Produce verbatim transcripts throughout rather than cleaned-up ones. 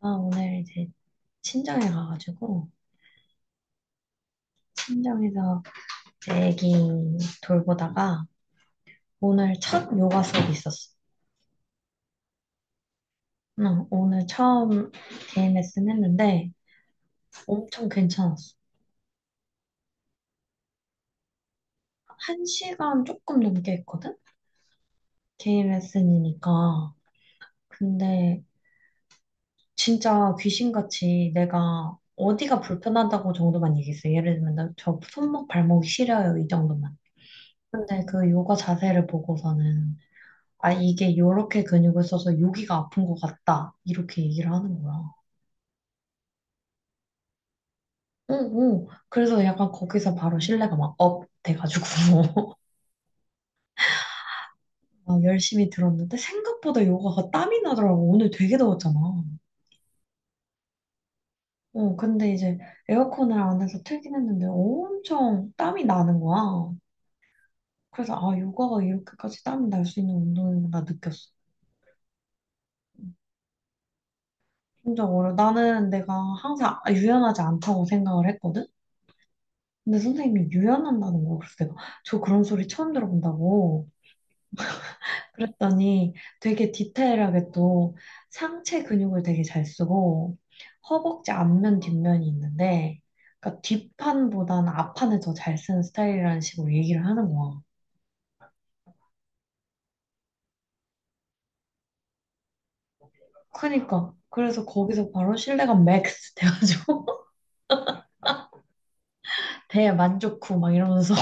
아, 오늘 이제 친정에 가가지고, 친정에서 제 애기 돌보다가, 오늘 첫 요가 수업이 있었어. 응, 오늘 처음 디엠에스는 했는데, 엄청 괜찮았어. 한 시간 조금 넘게 했거든? 디엠에스니까. 근데, 진짜 귀신같이 내가 어디가 불편하다고 정도만 얘기했어. 예를 들면, 나 저 손목, 발목이 시려요. 이 정도만. 근데 그 요가 자세를 보고서는, 아, 이게 요렇게 근육을 써서 여기가 아픈 것 같다. 이렇게 얘기를 하는 거야. 응, 응. 그래서 약간 거기서 바로 신뢰가 막 업 돼가지고 막 열심히 들었는데 생각보다 요가가 땀이 나더라고. 오늘 되게 더웠잖아. 어, 근데 이제 에어컨을 안에서 틀긴 했는데 엄청 땀이 나는 거야. 그래서 아, 요가가 이렇게까지 땀이 날 수 있는 운동이구나 느꼈어. 진짜 어려. 나는 내가 항상 유연하지 않다고 생각을 했거든. 근데 선생님이 유연한다는 거 그래서 내가 저 그런 소리 처음 들어본다고 그랬더니 되게 디테일하게 또 상체 근육을 되게 잘 쓰고 허벅지 앞면 뒷면이 있는데 그러니까 뒷판보다는 앞판을 더 잘 쓰는 스타일이라는 식으로 얘기를 하는 거야. 그러니까 그래서 거기서 바로 신뢰감 맥스 돼가지고 대만족 후 막 이러면서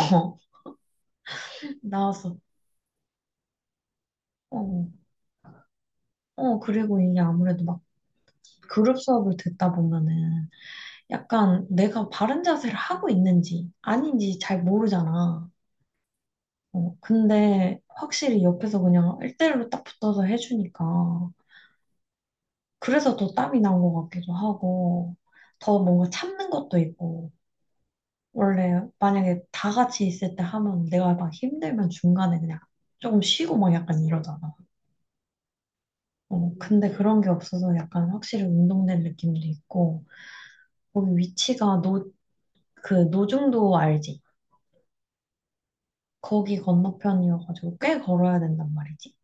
나왔어. 어, 어 그리고 이게 아무래도 막 그룹 수업을 듣다 보면은 약간 내가 바른 자세를 하고 있는지 아닌지 잘 모르잖아. 어, 근데 확실히 옆에서 그냥 일 대일로 딱 붙어서 해주니까 그래서 더 땀이 난 것 같기도 하고 더 뭔가 참는 것도 있고 원래 만약에 다 같이 있을 때 하면 내가 막 힘들면 중간에 그냥 조금 쉬고 막 약간 이러잖아. 어, 근데 그런 게 없어서 약간 확실히 운동된 느낌도 있고 거기 위치가 노, 그 노중도 알지? 거기 건너편이어가지고 꽤 걸어야 된단 말이지.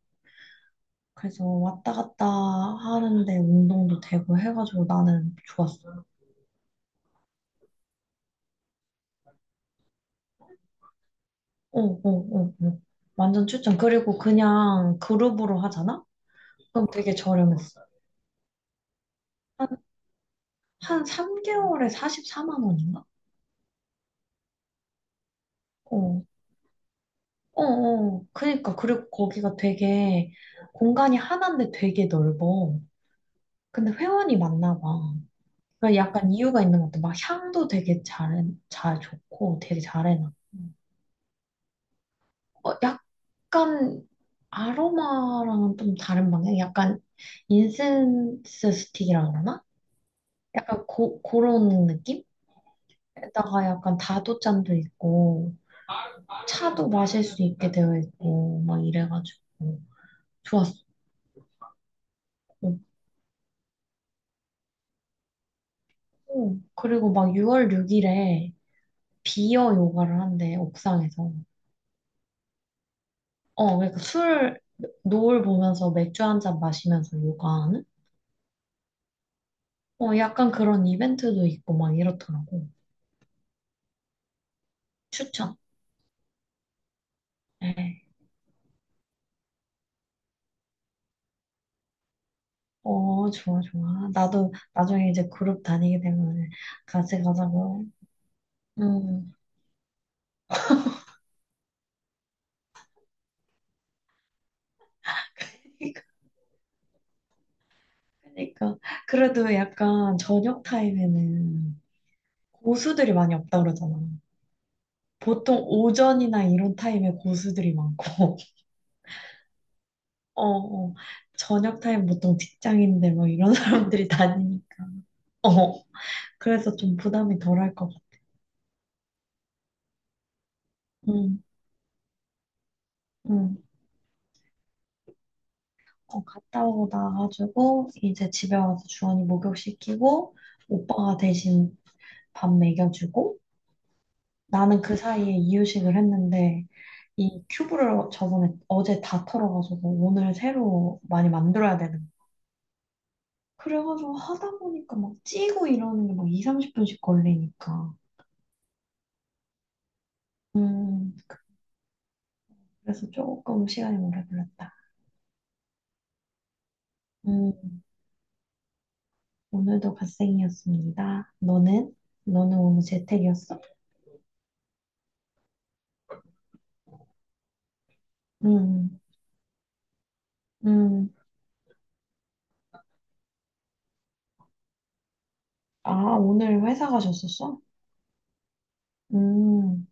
그래서 왔다 갔다 하는데 운동도 되고 해가지고 나는 좋았어. 어, 어, 어, 어. 완전 추천. 그리고 그냥 그룹으로 하잖아? 그럼 되게 저렴했어. 한, 한 삼 개월에 사십사만 원인가? 어, 어, 어. 그니까. 그리고 거기가 되게 공간이 하나인데 되게 넓어. 근데 회원이 많나 봐. 그러니까 약간 이유가 있는 것 같아. 막 향도 되게 잘, 잘 좋고 되게 잘해놔. 어, 약간 아로마랑은 좀 다른 방향? 약간 인센스 스틱이라 그러나? 약간 고, 그런 느낌? 에다가 약간 다도잔도 있고 차도 마실 수 있게 되어 있고 막 이래가지고 좋았어. 어, 그리고 막 유월 육 일에 비어 요가를 한대 옥상에서. 어 그러니까 술 노을 보면서 맥주 한 잔 마시면서 요가하는? 어 약간 그런 이벤트도 있고 막 이렇더라고. 추천. 네. 어, 좋아, 좋아. 나도 나중에 이제 그룹 다니게 되면 같이 가자고. 음. 그러니까. 그래도 약간 저녁 타임에는 고수들이 많이 없다 그러잖아. 보통 오전이나 이런 타임에 고수들이 많고, 어, 어. 저녁 타임 보통 직장인들 뭐 이런 사람들이 다니니까. 어, 그래서 좀 부담이 덜할 것 같아. 응, 응. 어, 갔다 오고 나가지고, 이제 집에 와서 주원이 목욕시키고, 오빠가 대신 밥 먹여주고 나는 그 사이에 이유식을 했는데 이 큐브를 저번에 어제 다 털어가지고 오늘 새로 많이 만들어야 되는 거야. 그래가지고 하다 보니까 막 찌고 이러는 게 막 이, 삼십 분씩 걸리니까 음 그래서 조금 시간이 오래 걸렸다. 음 오늘도 갓생이었습니다. 너는? 너는 오늘 재택이었어? 음, 음. 아 오늘 회사 가셨었어? 음,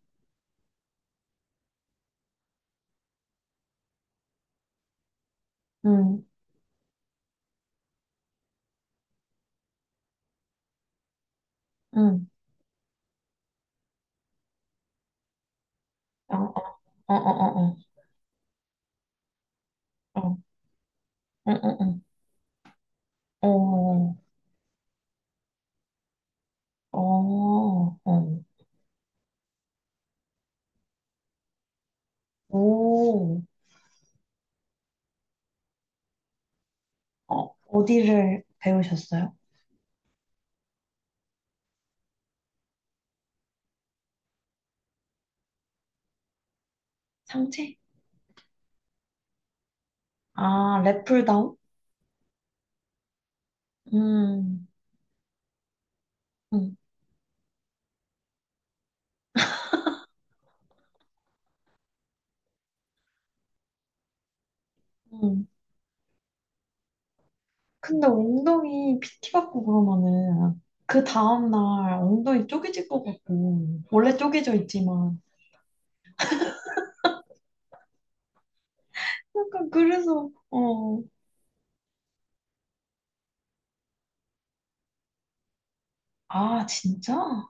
음, 음. 어, 어, 어, 어, 어. 어. 응, 응, 응. 어, 어, 어. 어. 오, 어, 어디를 배우셨어요? 상체? 아, 랩풀다운? 음, 음, 음. 근데 엉덩이 피티 받고 그러면은 그 다음날 엉덩이 쪼개질 것 같고, 원래 쪼개져 있지만, 약간 그래서, 어, 아, 진짜?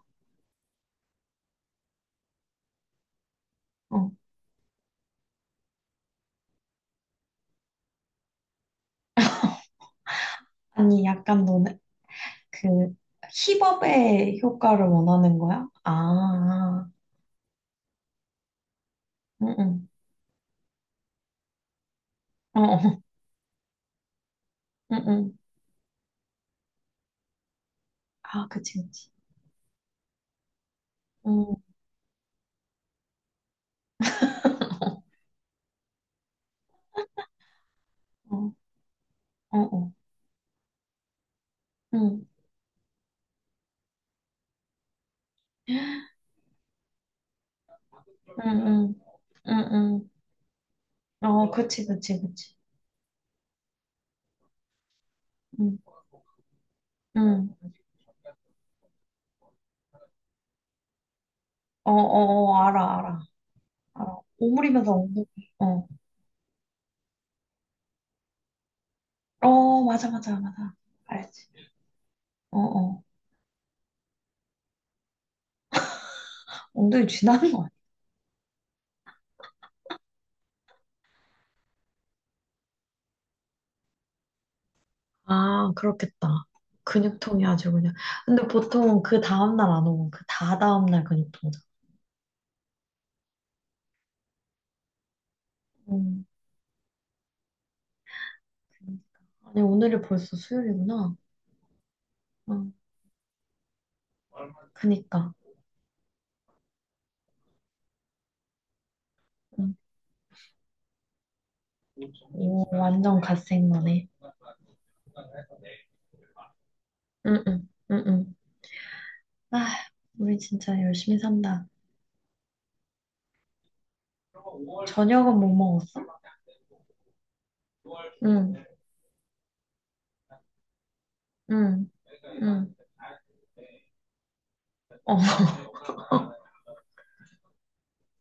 어. 아니, 약간 너네, 그, 힙업의 효과를 원하는 거야? 아, 응, 응. 어. 어. 응, 응. 아, 그치, 그치. 응, 어, 어, 어. 응, 응, 응, 응, 응. 어, 그치, 그치, 그치. 응, 응. 어, 어, 어, 알아, 알아, 알아. 오므리면서 엉덩이, 어. 어, 맞아, 맞아, 맞아. 알지. 어, 어. 엉덩이 쥐나는 거. 아, 그렇겠다. 근육통이 아주 그냥. 근데 보통 그 다음날 안 오고 그 다다음날 근육통 오잖아. 야 응, 아니, 오늘이 벌써 수요일이구나. 응, 그니까. 오, 완전 갓생머네. 응응, 응응. 아, 우리 진짜 열심히 산다. 저녁은 못 먹었어? 응, 응, 응. 어,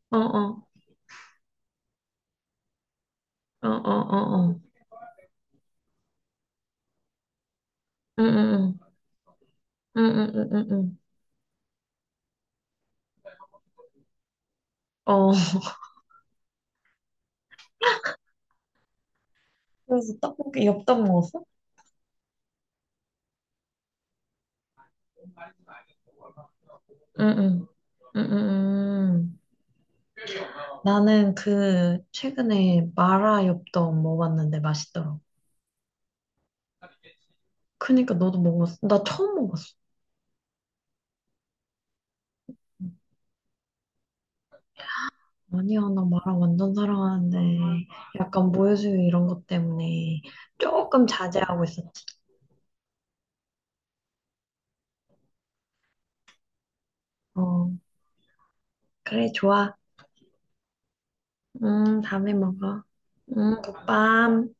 어, 어, 어, 어, 어, 어. 응, 응, 응, 응, 응, 응, 응. 어, 그래서 떡볶이, 엽떡 먹었어? 응, 응, 응, 응. 응. 나는 그 최근에 마라 엽떡 먹었는데 맛있더라고. 그니까 너도 먹었어? 나 처음 먹었어. 아니야, 나 마라 완전 사랑하는데, 약간 모유수유 이런 것 때문에 조금 자제하고 있었지. 어, 그래, 좋아. 음, 다음에 먹어. 음, 굿밤.